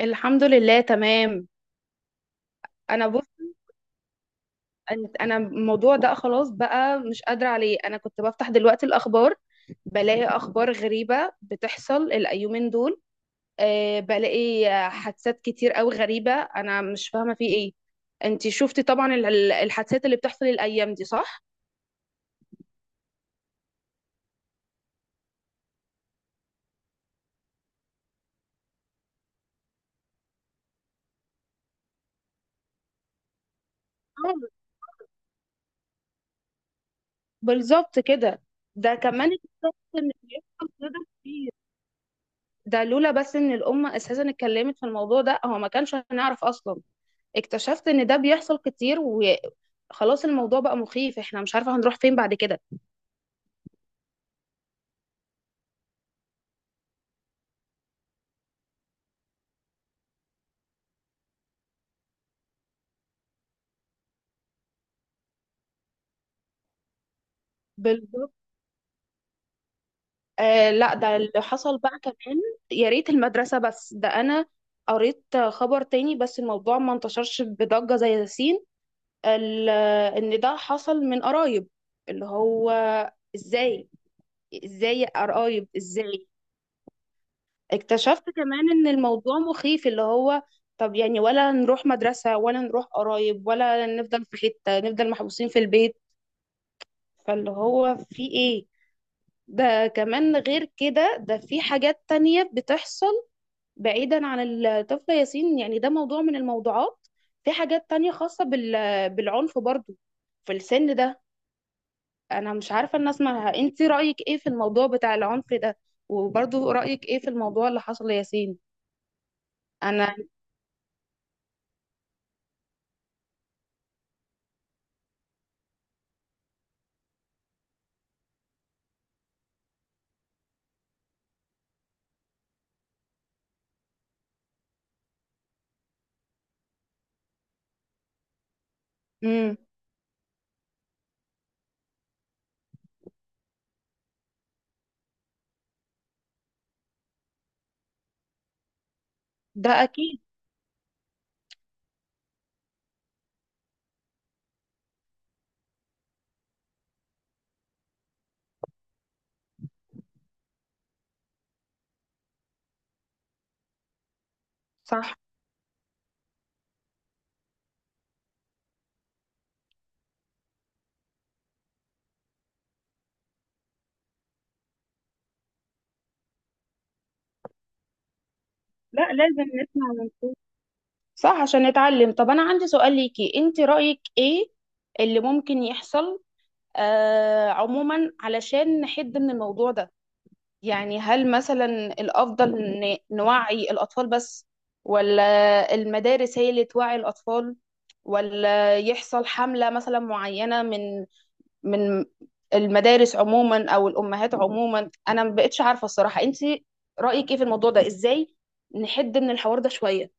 الحمد لله، تمام. انا بص، انا الموضوع ده خلاص بقى مش قادره عليه. انا كنت بفتح دلوقتي الاخبار، بلاقي اخبار غريبه بتحصل الايومين دول. بلاقي حادثات كتير قوي غريبه، انا مش فاهمه في ايه. انتي شفتي طبعا الحادثات اللي بتحصل الايام دي، صح؟ آه، بالظبط كده. ده كمان اكتشفت ان بيحصل كده كتير. ده لولا بس ان الامه اساسا اتكلمت في الموضوع ده هو ما كانش هنعرف اصلا. اكتشفت ان ده بيحصل كتير، وخلاص الموضوع بقى مخيف، احنا مش عارفة هنروح فين بعد كده. بالظبط. آه لا، ده اللي حصل بقى كمان. يا ريت المدرسة، بس ده انا قريت خبر تاني بس الموضوع ما انتشرش بضجة زي ياسين. ال- ان ده حصل من قرايب، اللي هو ازاي؟ ازاي يا قرايب، ازاي؟ اكتشفت كمان ان الموضوع مخيف، اللي هو طب يعني، ولا نروح مدرسة ولا نروح قرايب ولا نفضل في حتة، نفضل محبوسين في البيت؟ فاللي هو في ايه؟ ده كمان غير كده، ده في حاجات تانية بتحصل بعيدا عن الطفل ياسين، يعني ده موضوع من الموضوعات. في حاجات تانية خاصة بالعنف برضو في السن ده. انا مش عارفة الناس، ما انت رأيك ايه في الموضوع بتاع العنف ده؟ وبرضو رأيك ايه في الموضوع اللي حصل لياسين؟ انا. امم. ده اكيد. صح. لا لازم نسمع صح، عشان نتعلم. طب انا عندي سؤال ليكي، انت رأيك ايه اللي ممكن يحصل عموما علشان نحد من الموضوع ده؟ يعني هل مثلا الأفضل إن نوعي الأطفال بس، ولا المدارس هي اللي توعي الأطفال، ولا يحصل حملة مثلا معينة من المدارس عموما أو الأمهات عموما؟ أنا ما بقتش عارفة الصراحة. أنت رأيك إيه في الموضوع ده؟ إزاي نحد من الحوار ده شوية؟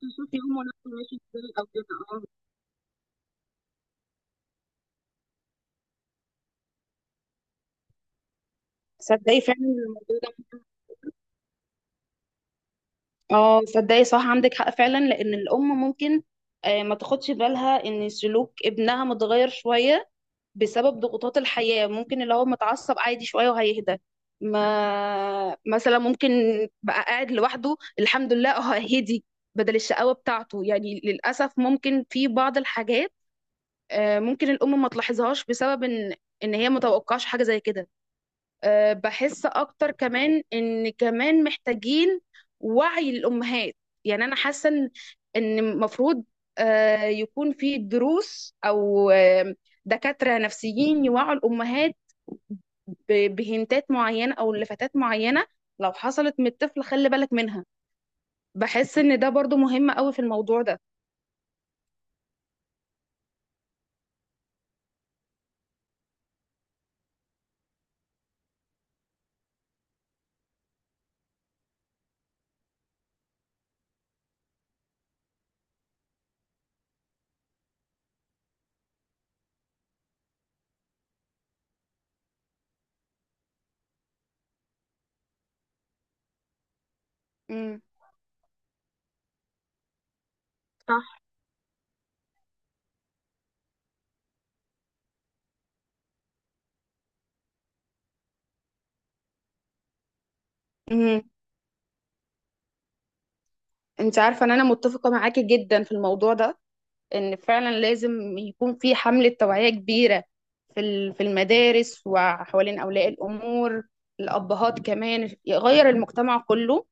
تشوفي هم نفسهم ماشي ازاي او كده. اه. تصدقي فعلا الموضوع ده. اه صدقي، صح، عندك حق فعلا، لان الام ممكن ما تاخدش بالها ان سلوك ابنها متغير شويه بسبب ضغوطات الحياه. ممكن اللي هو متعصب عادي شويه وهيهدى. ما مثلا ممكن بقى قاعد لوحده، الحمد لله، اه هدي بدل الشقاوه بتاعته. يعني للاسف ممكن في بعض الحاجات، ممكن الام ما تلاحظهاش، بسبب ان هي متوقعش حاجه زي كده. بحس اكتر كمان ان كمان محتاجين وعي للامهات. يعني انا حاسه إن المفروض يكون في دروس او دكاتره نفسيين يوعوا الامهات بهنتات معينه او لفتات معينه لو حصلت من الطفل، خلي بالك منها. بحس ان ده برضو مهم قوي في الموضوع ده. امم. صح. امم. انت عارفه ان انا متفقه معاكي جدا في الموضوع ده، ان فعلا لازم يكون في حملة توعية كبيرة في في المدارس، وحوالين أولياء الأمور، الأبهات كمان، يغير المجتمع كله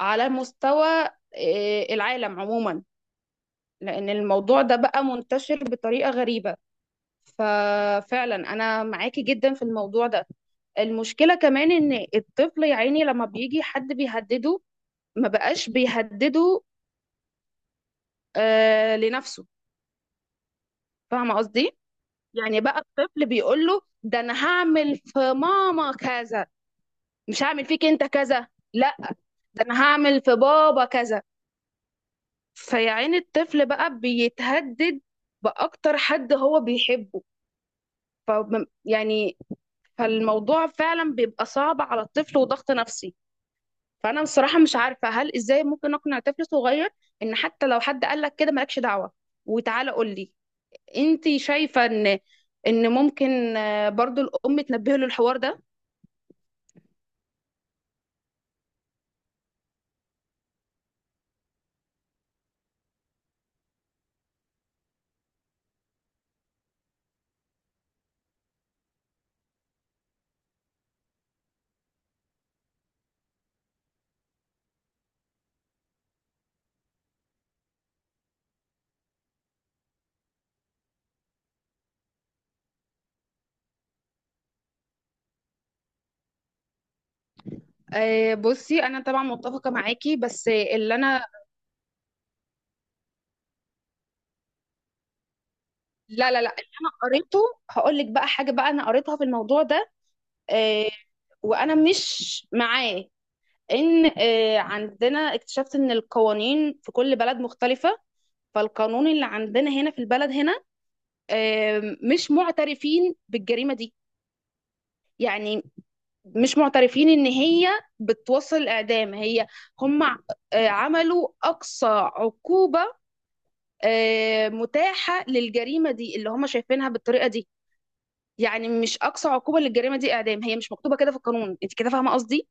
على مستوى العالم عموما. لأن الموضوع ده بقى منتشر بطريقة غريبة. ففعلا أنا معاكي جدا في الموضوع ده. المشكلة كمان إن الطفل يا عيني لما بيجي حد بيهدده، ما بقاش بيهدده لنفسه. فاهمة قصدي؟ يعني بقى الطفل بيقول له، ده انا هعمل في ماما كذا، مش هعمل فيك انت كذا. لا، ده انا هعمل في بابا كذا. فيا عيني الطفل بقى بيتهدد باكتر حد هو بيحبه. ف يعني، فالموضوع فعلا بيبقى صعب على الطفل وضغط نفسي. فانا بصراحه مش عارفه هل ازاي ممكن اقنع طفل صغير ان حتى لو حد قال لك كده مالكش دعوه وتعالى قول لي. انت شايفه ان ممكن برضو الام تنبهه للحوار ده؟ آه، بصي انا طبعا متفقه معاكي بس اللي انا. لا لا لا، اللي انا قريته، هقول لك بقى حاجه بقى انا قريتها في الموضوع ده. آه، وانا مش معاه، ان عندنا اكتشفت ان القوانين في كل بلد مختلفه. فالقانون اللي عندنا هنا في البلد هنا مش معترفين بالجريمه دي، يعني مش معترفين ان هي بتوصل الاعدام. هي هم عملوا اقصى عقوبه متاحه للجريمه دي اللي هم شايفينها بالطريقه دي. يعني مش اقصى عقوبه للجريمه دي اعدام، هي مش مكتوبه كده في القانون. انت كده فاهمه قصدي؟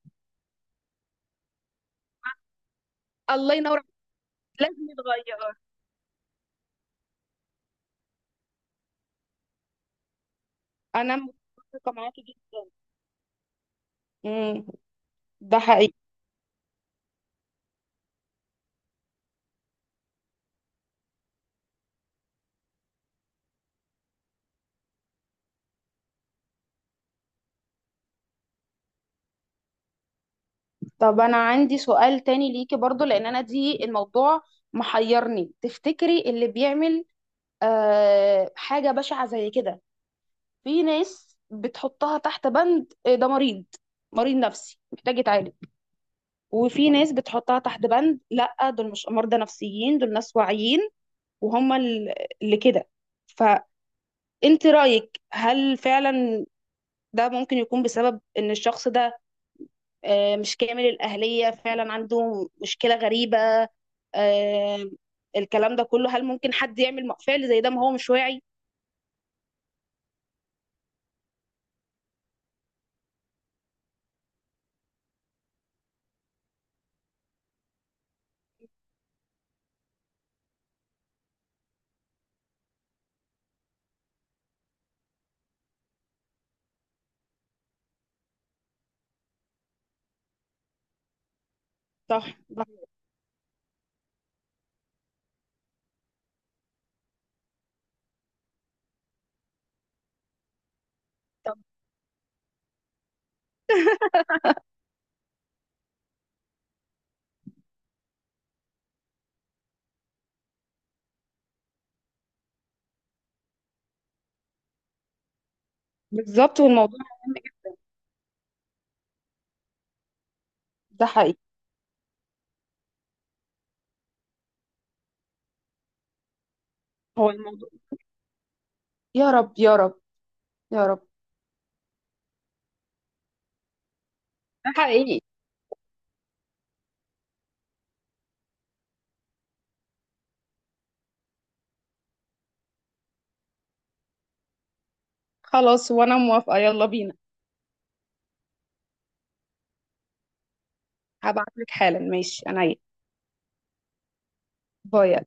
الله ينور عليك. لازم يتغير. انا متفقه معاكي جدا. امم. ده حقيقي. طب انا عندي سؤال تاني ليكي برضو، لان انا دي الموضوع محيرني. تفتكري اللي بيعمل حاجه بشعه زي كده، في ناس بتحطها تحت بند ده مريض، مريض نفسي محتاج يتعالج، وفي ناس بتحطها تحت بند لا دول مش مرضى نفسيين، دول ناس واعيين وهم اللي كده. فانت رأيك هل فعلا ده ممكن يكون بسبب ان الشخص ده مش كامل الأهلية، فعلا عنده مشكلة غريبة؟ آه، الكلام ده كله، هل ممكن حد يعمل فعل زي ده ما هو مش واعي؟ صح. طب. بالظبط، والموضوع مهم جدا. ده حقيقي. هو الموضوع. يا رب يا رب يا رب. ده حقيقي. خلاص، وانا موافقة، يلا بينا. هبعت لك حالا، ماشي، عينيا. باي.